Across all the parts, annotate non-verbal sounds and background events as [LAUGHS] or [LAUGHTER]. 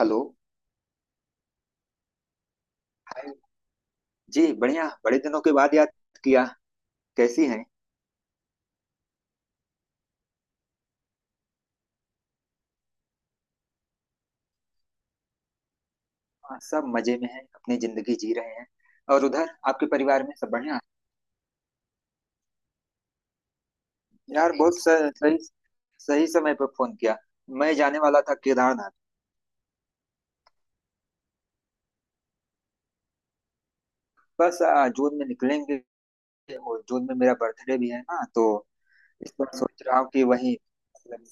Hello. Hi. जी, बढ़िया। बड़े दिनों के बाद याद किया। कैसी हैं? हाँ, सब मजे में हैं, अपनी जिंदगी जी रहे हैं। और उधर आपके परिवार में सब बढ़िया? यार, बहुत सही सही समय पर फोन किया। मैं जाने वाला था केदारनाथ। बस जून में निकलेंगे। और जून में मेरा बर्थडे भी है ना, तो इस बार सोच रहा हूँ कि वहीं मतलब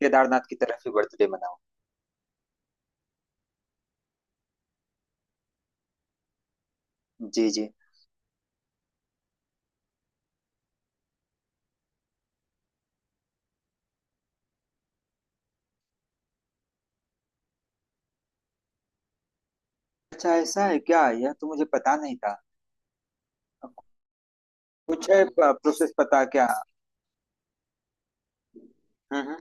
केदारनाथ की तरफ ही बर्थडे मनाऊं। जी जी। अच्छा, ऐसा है क्या? यह तो मुझे पता नहीं था। कुछ है प्रोसेस पता क्या? हम्म हम्म,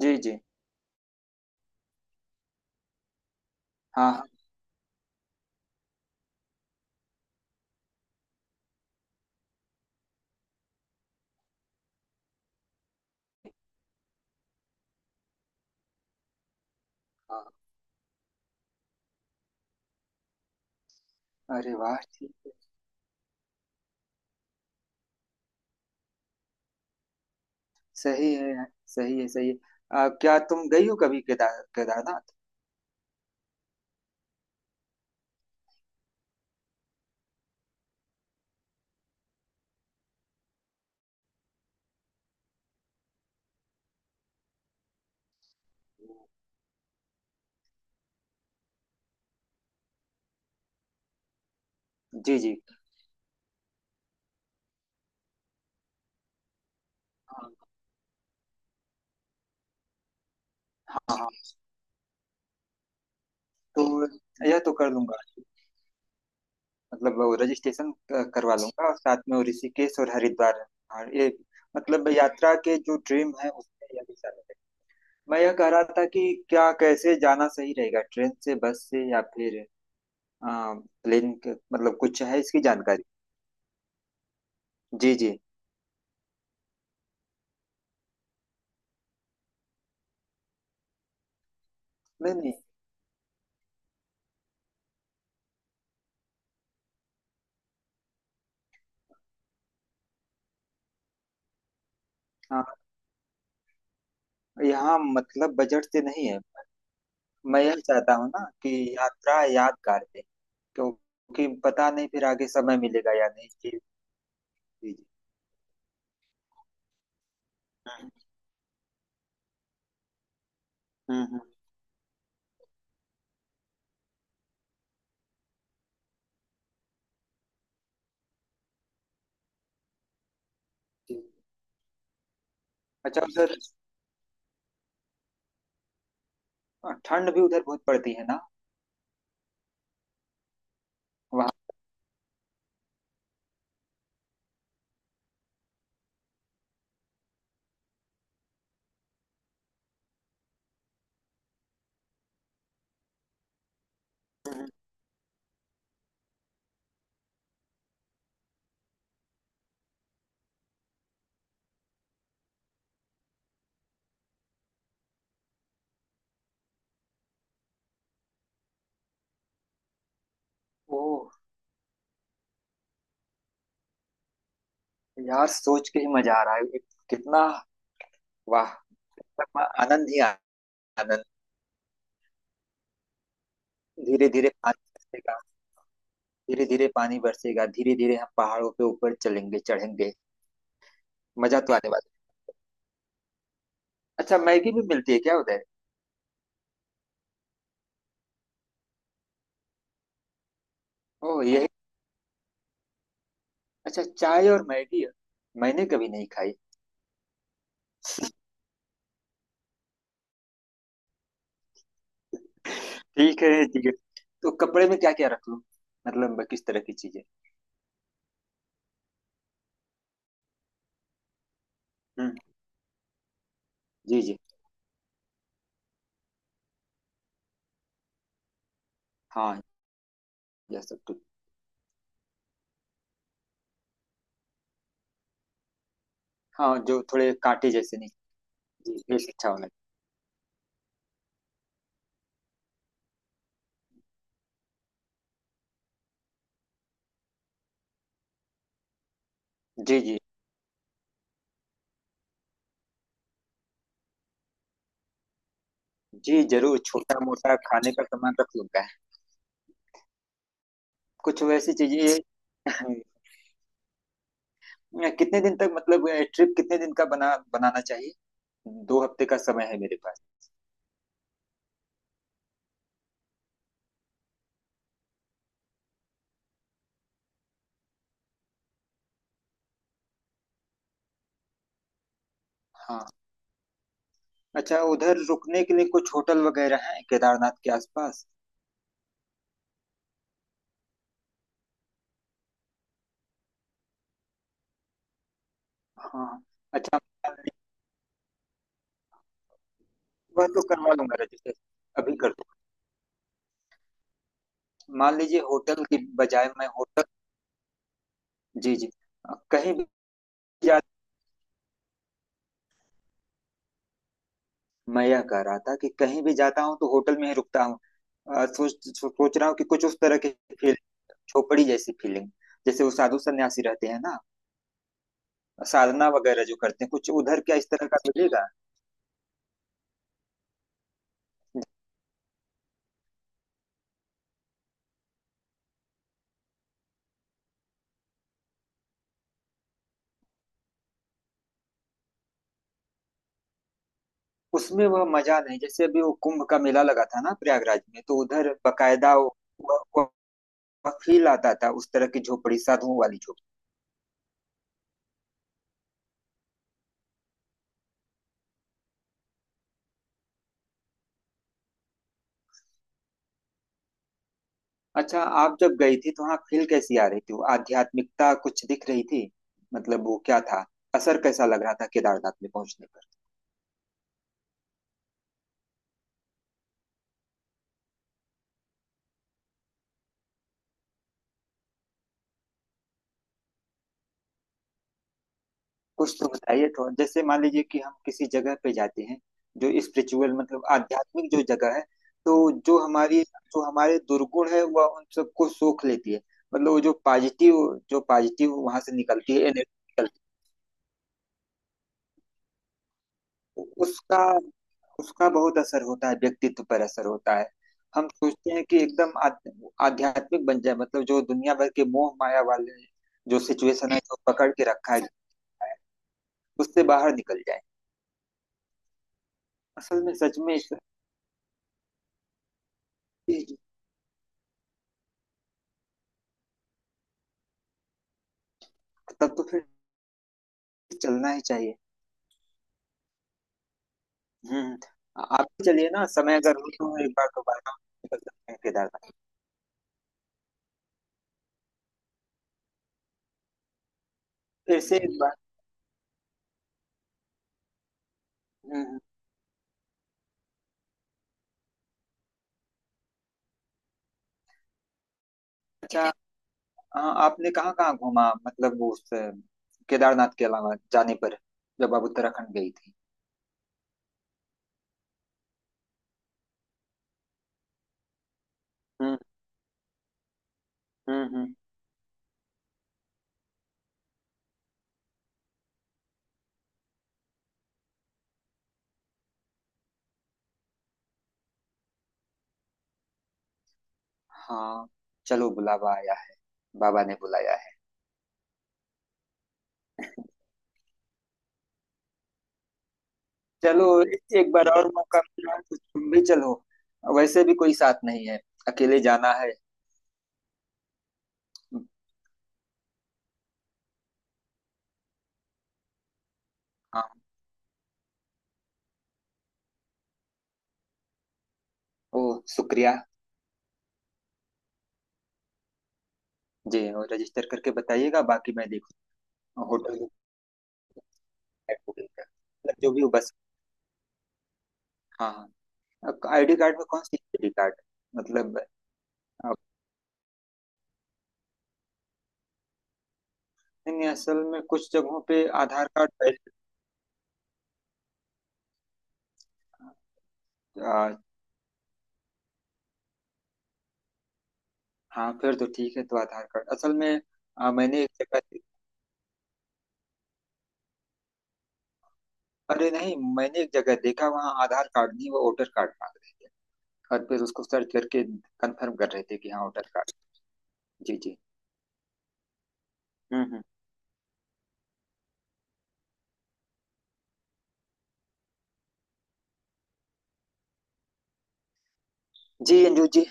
जी जी। हाँ हाँ हाँ। अरे वाह, ठीक है। सही है यार, सही है सही है। क्या तुम गई हो कभी केदारनाथ? जी जी। हाँ हाँ हाँ। तो यह तो कर लूंगा। मतलब वो रजिस्ट्रेशन करवा लूंगा, और साथ में वो ऋषिकेश और हरिद्वार और ये। मतलब यात्रा के जो ड्रीम है उसमें यह भी शामिल है। मैं यह कह रहा था कि क्या कैसे जाना सही रहेगा, ट्रेन से, बस से, या फिर आ, प्लेन के? मतलब कुछ है इसकी जानकारी? जी जी। नहीं नहीं, यहाँ मतलब बजट से नहीं है। मैं यह चाहता हूँ ना कि यात्रा यादगार रहे, क्योंकि पता नहीं फिर आगे समय मिलेगा या नहीं जी। जी जी। हम्म हम्म, हम्म। जी। अच्छा, उधर हाँ, ठंड भी उधर बहुत पड़ती है ना वहाँ? हम्म। ओह, यार सोच के ही मजा आ रहा है कितना, वाह! मतलब आनंद ही आनंद। धीरे धीरे पानी बरसेगा। धीरे धीरे पानी बरसेगा, धीरे धीरे हम पहाड़ों के ऊपर चलेंगे, चढ़ेंगे। मजा तो आने वाला है। अच्छा, मैगी भी मिलती है क्या उधर? ओह, यही अच्छा, चाय और मैगी। मैंने कभी नहीं खाई। ठीक है ठीक है। तो कपड़े में क्या क्या रख लूं, मतलब किस तरह की चीजें? हम्म। जी जी। हाँ, यह सब तो। हाँ, जो थोड़े कांटे जैसे नहीं। जी, ये अच्छा वाला। जी जी। जी, जरूर छोटा मोटा खाने का सामान रख लूंगा। कुछ वैसी चीजें। [LAUGHS] कितने दिन तक मतलब ट्रिप कितने दिन का बना बनाना चाहिए? दो हफ्ते का समय है मेरे पास। हाँ। अच्छा, उधर रुकने के लिए कुछ होटल वगैरह हैं केदारनाथ के आसपास? हाँ। अच्छा, वह तो करवा लूंगा रजिस्टर। अभी कर दूंगा। मान लीजिए होटल की बजाय मैं होटल। जी जी। कहीं भी जा। मैं यह कह रहा था कि कहीं भी जाता हूँ तो होटल में ही रुकता हूँ। सोच सोच रहा हूँ कि कुछ उस तरह की फील, झोपड़ी जैसी फीलिंग, जैसे वो साधु सन्यासी रहते हैं ना, साधना वगैरह जो करते हैं, कुछ उधर क्या इस तरह का मिलेगा? उसमें वह मजा नहीं, जैसे अभी वो कुंभ का मेला लगा था ना प्रयागराज में, तो उधर बकायदा वो, वह फील आता था, उस तरह की झोपड़ी, साधुओं वाली झोपड़ी। अच्छा, आप जब गई थी तो वहां फील कैसी आ रही थी? वो आध्यात्मिकता कुछ दिख रही थी? मतलब वो क्या था? असर कैसा लग रहा था केदारनाथ में पहुंचने पर? कुछ तो बताइए थोड़ा। जैसे मान लीजिए कि हम किसी जगह पे जाते हैं जो स्पिरिचुअल, मतलब आध्यात्मिक जो जगह है, तो जो हमारे दुर्गुण है वह उन सबको सोख लेती है। मतलब वो जो पॉजिटिव वहां से निकलती है एनर्जी, उसका उसका बहुत असर होता है, व्यक्तित्व पर असर होता है। हम सोचते हैं कि एकदम आध्यात्मिक बन जाए, मतलब जो दुनिया भर के मोह माया वाले जो सिचुएशन है, जो पकड़ के रखा गया है, उससे बाहर निकल जाए। असल में सच में इस- तब तो फिर चलना ही चाहिए। हम्म। आप भी चलिए ना, समय अगर हो तो एक बार दोबारा निकल सकते हैं केदारनाथ, फिर से एक बार। हम्म। अच्छा, आपने कहाँ कहाँ घूमा, मतलब उस केदारनाथ के अलावा जाने पर, जब आप उत्तराखंड गई थी? हम्म हम्म हम्म। हाँ, चलो बुलावा आया है। बाबा ने बुलाया है। चलो, एक बार और मौका मिला तो तुम भी चलो, वैसे भी कोई साथ नहीं है, अकेले जाना है। हाँ। ओ, शुक्रिया। जी, और रजिस्टर करके बताइएगा, बाकी मैं देखूँ। होटल बुकिंग का मतलब जो भी हो बस। हाँ। हाँ, आईडी कार्ड में कौन सी आईडी कार्ड मतलब? नहीं, असल में कुछ जगहों पे आधार कार्ड पहले। आ, हाँ, फिर तो ठीक है, तो आधार कार्ड असल में। मैंने एक जगह अरे नहीं, मैंने एक जगह देखा वहाँ आधार कार्ड नहीं, वो वोटर कार्ड मांग रहे थे, और फिर उसको सर्च करके कंफर्म कर रहे थे कि हाँ वोटर कार्ड। जी जी। हम्म। जी अंजू जी।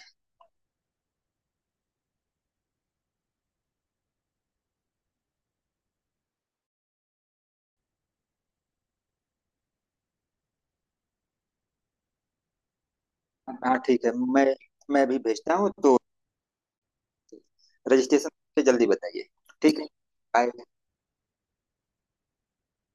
हाँ ठीक है। मैं भी भेजता हूँ, तो रजिस्ट्रेशन पे जल्दी बताइए। ठीक है। बाय।